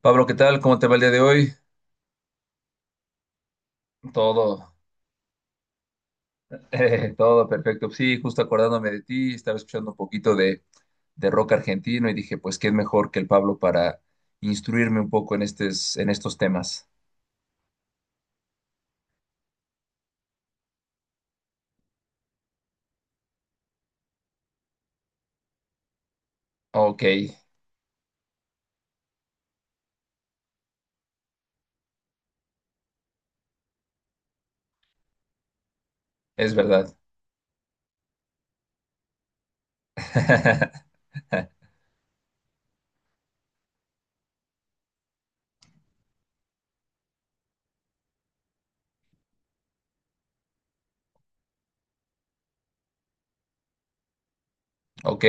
Pablo, ¿qué tal? ¿Cómo te va el día de hoy? Todo, todo perfecto. Sí, justo acordándome de ti, estaba escuchando un poquito de rock argentino y dije, pues, ¿quién mejor que el Pablo para instruirme un poco en estos temas? Ok, es verdad. Ok,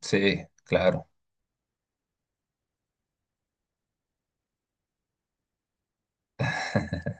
sí, claro.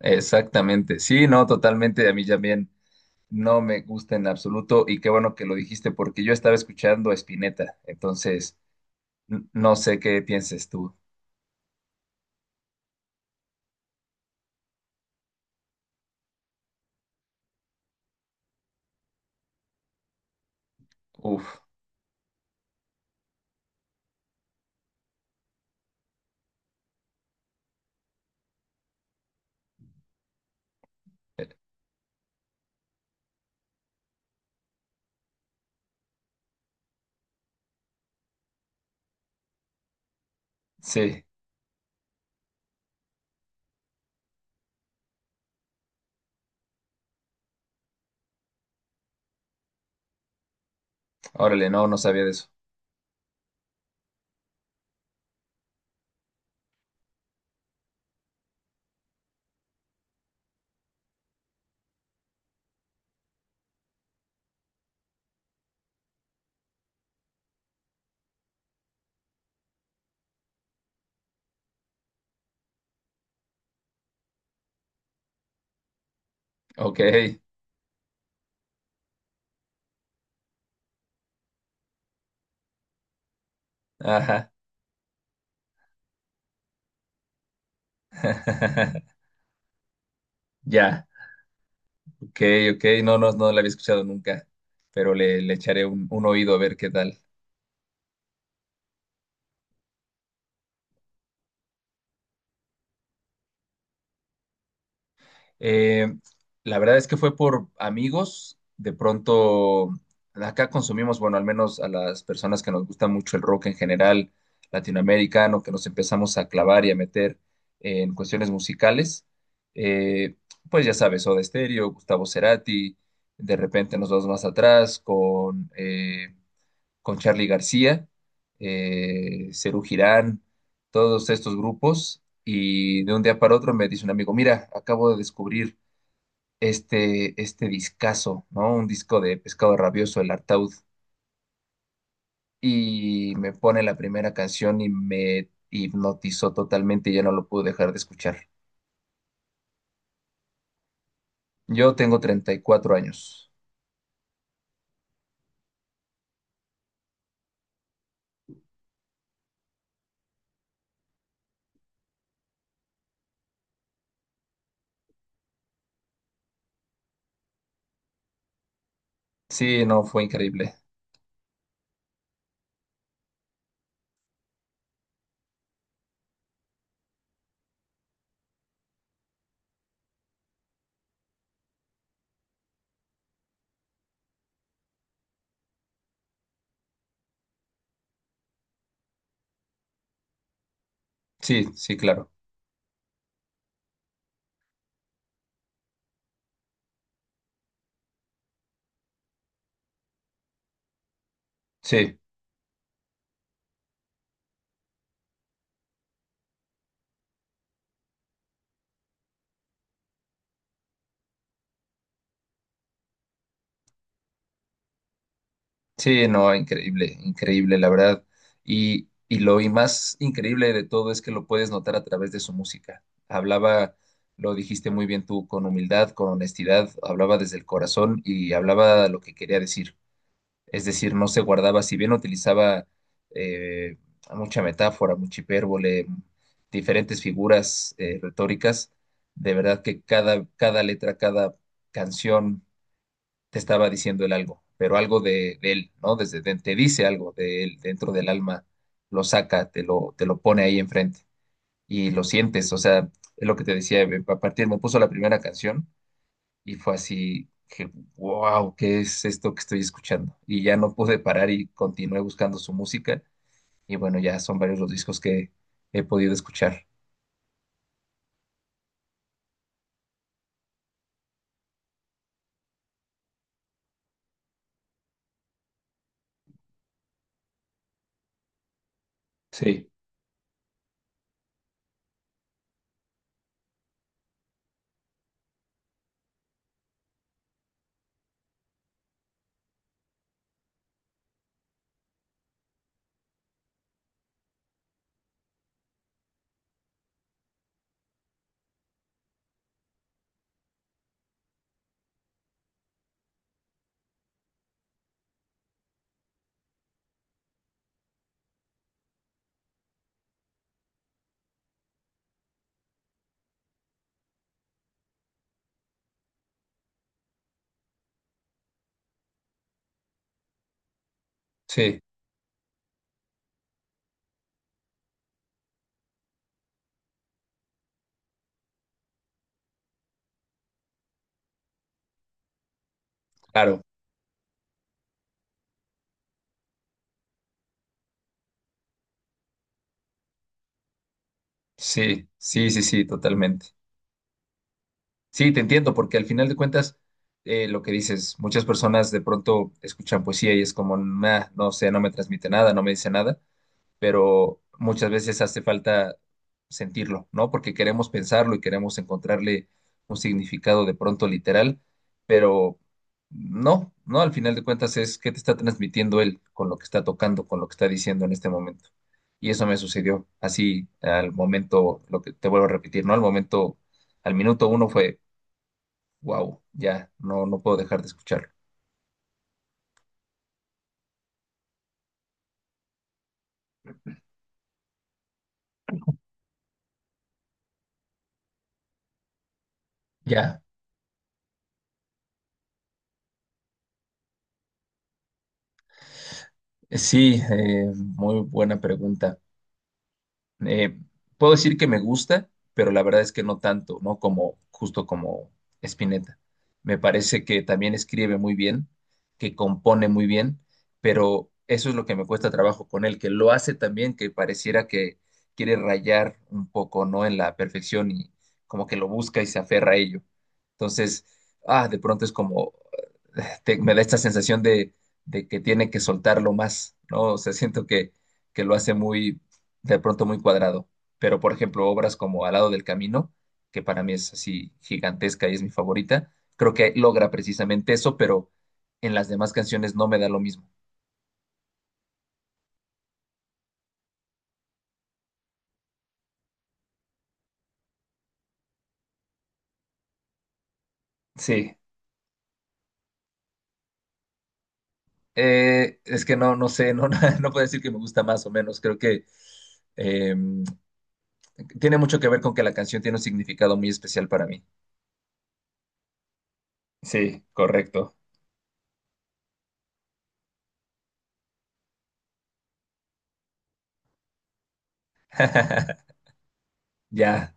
Exactamente, sí, no, totalmente, a mí también no me gusta en absoluto y qué bueno que lo dijiste porque yo estaba escuchando a Spinetta, entonces no sé qué pienses tú. Uf. Sí, órale, no, no sabía de eso. Ok, ajá. Ya, ok, ok, no, no, no la había escuchado nunca, pero le echaré un oído a ver qué tal. Eh, la verdad es que fue por amigos. De pronto, acá consumimos, bueno, al menos a las personas que nos gusta mucho el rock en general, latinoamericano, que nos empezamos a clavar y a meter en cuestiones musicales. Eh, pues ya sabes, Soda Stereo, Gustavo Cerati, de repente nos vamos más atrás con Charly García, Serú Girán, todos estos grupos. Y de un día para otro me dice un amigo, mira, acabo de descubrir este discazo, ¿no? Un disco de Pescado Rabioso, El Artaud, y me pone la primera canción y me hipnotizó totalmente y ya no lo pude dejar de escuchar. Yo tengo 34 años. Sí, no, fue increíble. Sí, sí, claro. Sí. Sí, no, increíble, increíble, la verdad. Y más increíble de todo es que lo puedes notar a través de su música. Hablaba, lo dijiste muy bien tú, con humildad, con honestidad, hablaba desde el corazón y hablaba lo que quería decir. Es decir, no se guardaba, si bien utilizaba eh, mucha metáfora, mucha hipérbole, diferentes figuras retóricas, de verdad que cada letra, cada canción te estaba diciendo el algo, pero algo de él, ¿no? Te dice algo de él dentro del alma, lo saca, te lo pone ahí enfrente y lo sientes, o sea, es lo que te decía, a partir me puso la primera canción y fue así que, wow, ¿qué es esto que estoy escuchando? Y ya no pude parar y continué buscando su música y bueno, ya son varios los discos que he podido escuchar. Sí. Sí, claro, sí, sí, sí, sí, totalmente. Sí, te entiendo, porque al final de cuentas, lo que dices, muchas personas de pronto escuchan poesía y es como, "Nah, no sé, no me transmite nada, no me dice nada, pero muchas veces hace falta sentirlo, ¿no? Porque queremos pensarlo y queremos encontrarle un significado de pronto literal, pero no, no, al final de cuentas es qué te está transmitiendo él con lo que está tocando, con lo que está diciendo en este momento. Y eso me sucedió así al momento, lo que te vuelvo a repetir, ¿no? Al momento, al minuto uno fue wow, ya, no, no puedo dejar de escucharlo. Ya, sí, muy buena pregunta. Eh, Puedo decir que me gusta, pero la verdad es que no tanto, ¿no? Como, justo como Spinetta. Me parece que también escribe muy bien, que compone muy bien, pero eso es lo que me cuesta trabajo con él, que lo hace también, que pareciera que quiere rayar un poco, ¿no? En la perfección y como que lo busca y se aferra a ello. Entonces, ah, de pronto es como, me da esta sensación de que tiene que soltarlo más, ¿no? O sea, siento que, lo hace muy de pronto muy cuadrado, pero por ejemplo, obras como Al lado del camino, que para mí es así gigantesca y es mi favorita, creo que logra precisamente eso, pero en las demás canciones no me da lo mismo. Sí, es que no, no sé, no, no puedo decir que me gusta más o menos, creo que eh, tiene mucho que ver con que la canción tiene un significado muy especial para mí. Sí, correcto. Ya,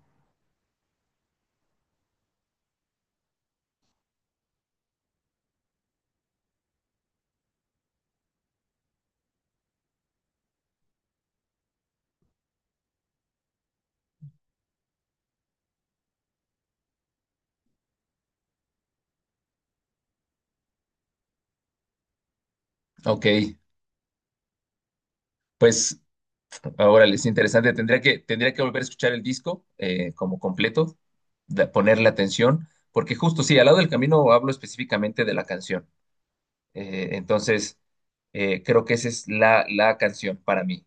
ok. Pues ahora es interesante. Tendría que volver a escuchar el disco como completo, da- ponerle atención, porque justo sí, al lado del camino hablo específicamente de la canción. Entonces, creo que esa es la canción para mí.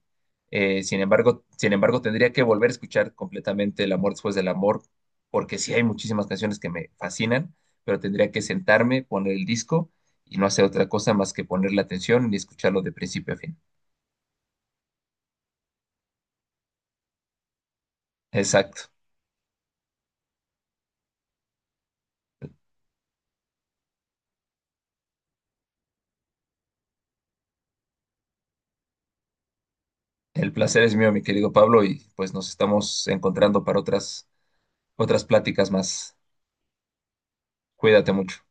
Sin embargo, tendría que volver a escuchar completamente El amor después del amor, porque sí hay muchísimas canciones que me fascinan, pero tendría que sentarme, poner el disco y no hacer otra cosa más que ponerle atención y escucharlo de principio a fin. Exacto. El placer es mío, mi querido Pablo, y pues nos estamos encontrando para otras pláticas más. Cuídate mucho.